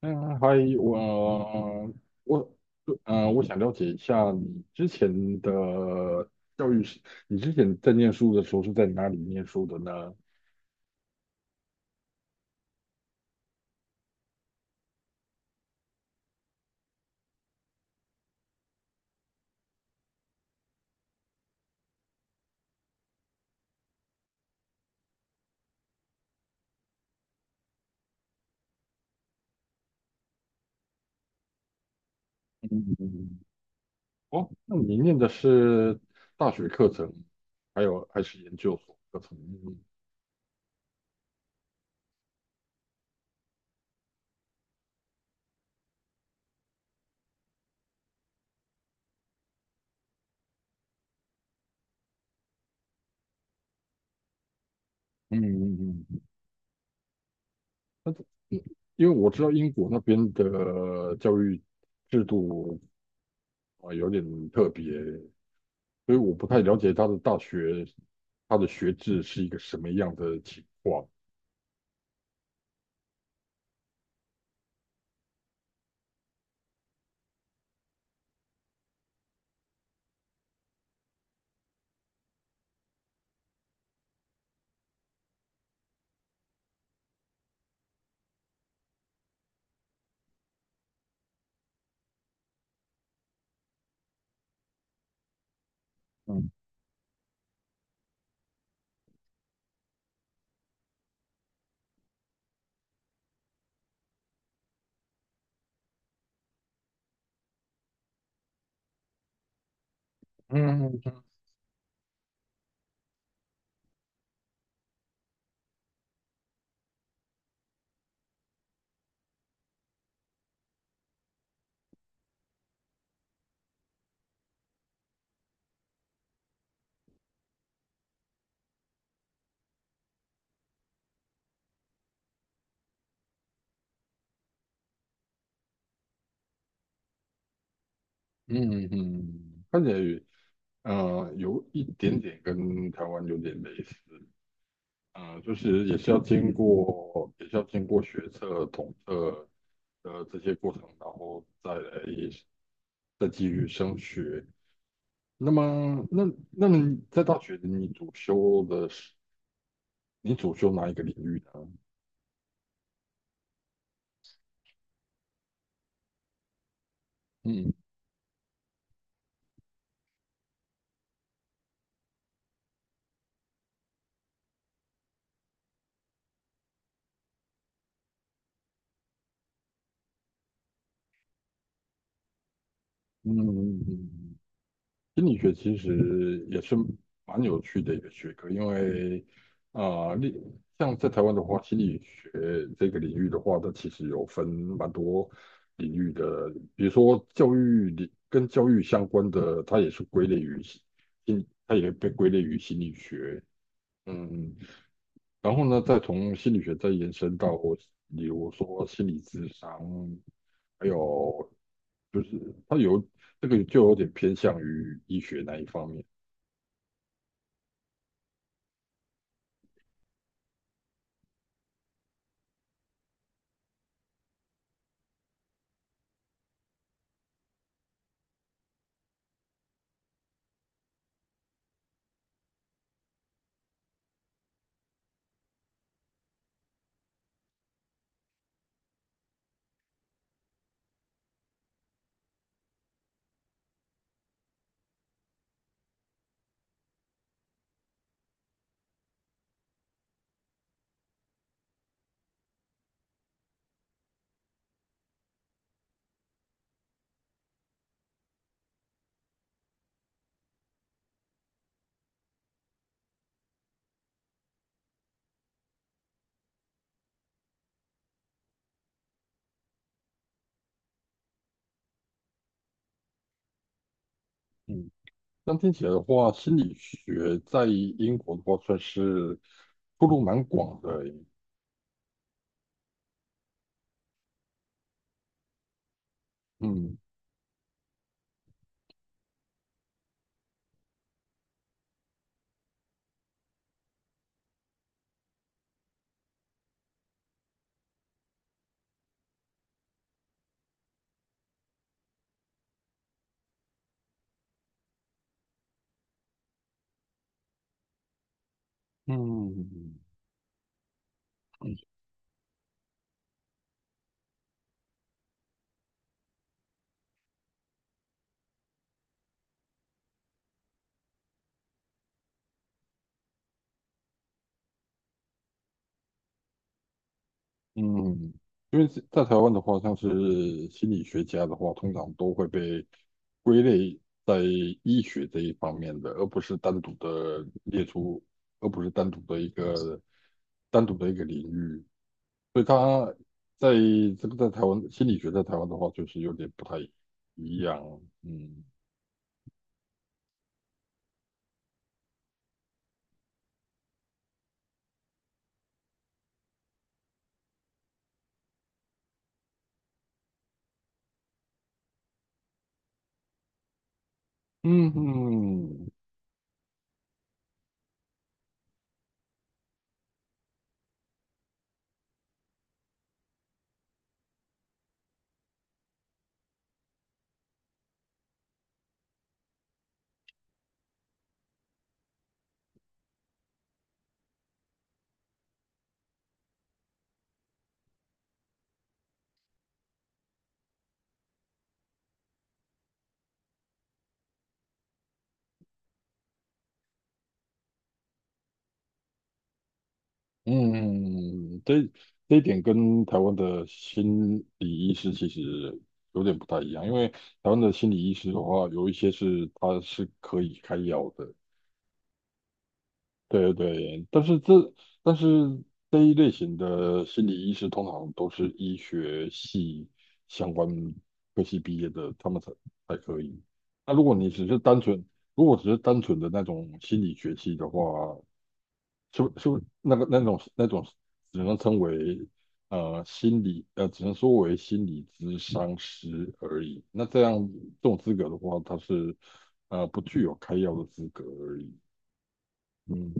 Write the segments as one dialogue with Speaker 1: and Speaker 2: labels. Speaker 1: 嗯，还有我我想了解一下你之前的教育是，你之前在念书的时候是在哪里念书的呢？嗯，哦，那你念的是大学课程，还是研究所课程？嗯嗯嗯，嗯那因为我知道英国那边的教育制度啊，有点特别，所以我不太了解他的大学，他的学制是一个什么样的情况。嗯嗯嗯嗯，看起来有一点点跟台湾有点类似，就是也是要经过学测、统测的这些过程，然后再来再继续升学。那么，那那么在大学你主修哪一个领域呢？嗯嗯嗯。嗯嗯心理学其实也是蛮有趣的一个学科，因为啊，像在台湾的话，心理学这个领域的话，它其实有分蛮多领域的，比如说教育领跟教育相关的，它也被归类于心理学。嗯，然后呢，再从心理学再延伸到，比如说心理智商，还有就是它有这个就有点偏向于医学那一方面。嗯，但听起来的话，心理学在英国的话算是出路蛮广的欸。嗯嗯，嗯，因为是在台湾的话，像是心理学家的话，通常都会被归类在医学这一方面的，而不是单独的列出，而不是单独的一个领域。所以他在这个在台湾心理学在台湾的话，就是有点不太一样。嗯嗯嗯，嗯，这一点跟台湾的心理医师其实有点不太一样，因为台湾的心理医师的话，有一些是他是可以开药的，对对，但是这一类型的心理医师通常都是医学系相关科系毕业的，他们才可以。那如果只是单纯的那种心理学系的话，就就那个那种那种，只能称为呃心理呃，只能说为心理咨商师而已。那这样这种资格的话，它是不具有开药的资格而已。嗯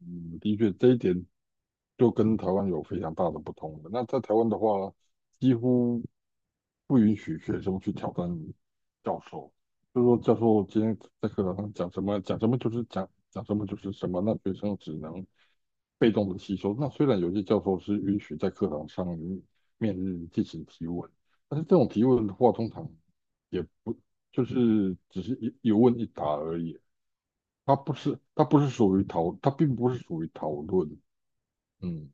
Speaker 1: 嗯，的确这一点就跟台湾有非常大的不同了，那在台湾的话，几乎不允许学生去挑战教授，就是说教授今天在课堂上讲什么就是什么，那学生只能被动的吸收。那虽然有些教授是允许在课堂上面进行提问，但是这种提问的话，通常也不就是只是问一答而已，它不是属于讨，它并不是属于讨论。嗯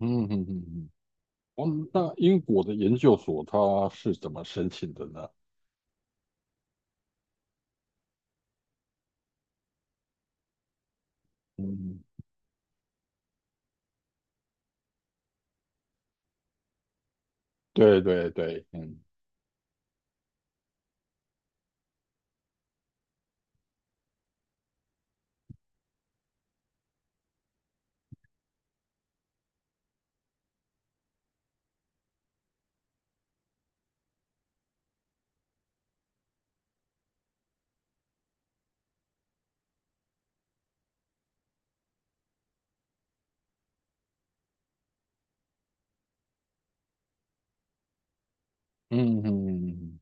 Speaker 1: 嗯嗯嗯嗯。哦，那英国的研究所它是怎么申请的呢？嗯，对对对，嗯嗯嗯嗯。嗯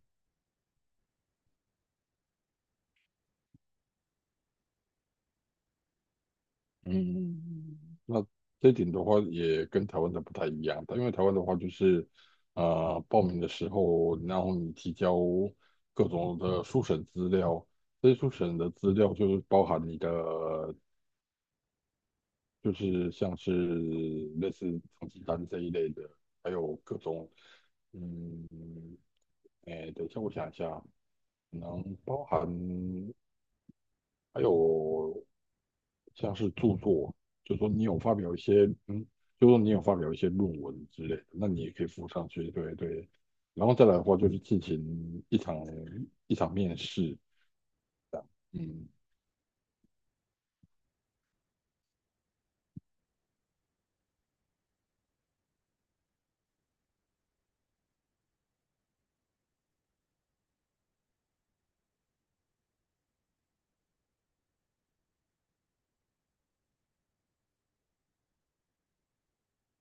Speaker 1: 嗯，那这一点的话，也跟台湾的不太一样。因为台湾的话，就是报名的时候，然后你提交各种的初审资料，这些初审的资料就是包含你的，就是像是类似成绩单这一类的，还有各种，嗯，哎，等一下，我想一下，可能包含。还有像是著作，就说你有发表一些，嗯，就说你有发表一些论文之类的，那你也可以附上去，对对。然后再来的话，就是进行一场面试，这样，嗯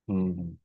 Speaker 1: 嗯，嗯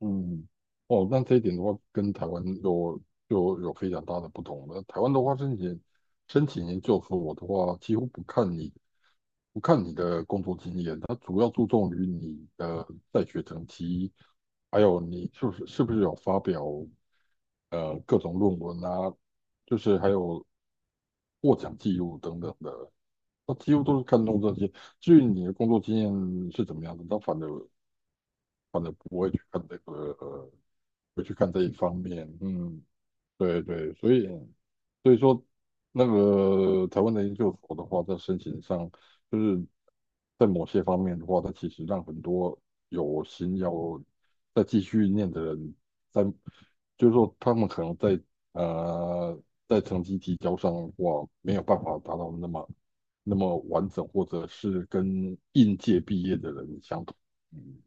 Speaker 1: 嗯，哦，那这一点的话，跟台湾有就有非常大的不同了。台湾的话，申请研究我的话，几乎不看你的工作经验，它主要注重于你的在学成绩，还有你是不是有发表各种论文啊，就是还有获奖记录等等的，它几乎都是看重这些。至于你的工作经验是怎么样的，它反正反正不会去看这个，呃不会去看这一方面。嗯，对对，所以所以说，那个台湾的研究所的话，在申请上，就是在某些方面的话，它其实让很多有心要再继续念的人，在就是说他们可能呃在成绩提交上的话，没有办法达到那么完整，或者是跟应届毕业的人相同。嗯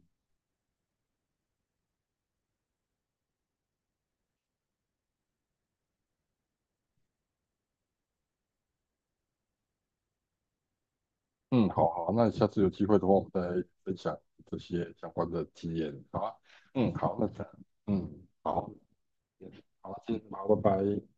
Speaker 1: 嗯，好好，那下次有机会的话，我们再分享这些相关的经验，好吧？嗯，好，那这样，嗯，好，好，今天好，拜拜。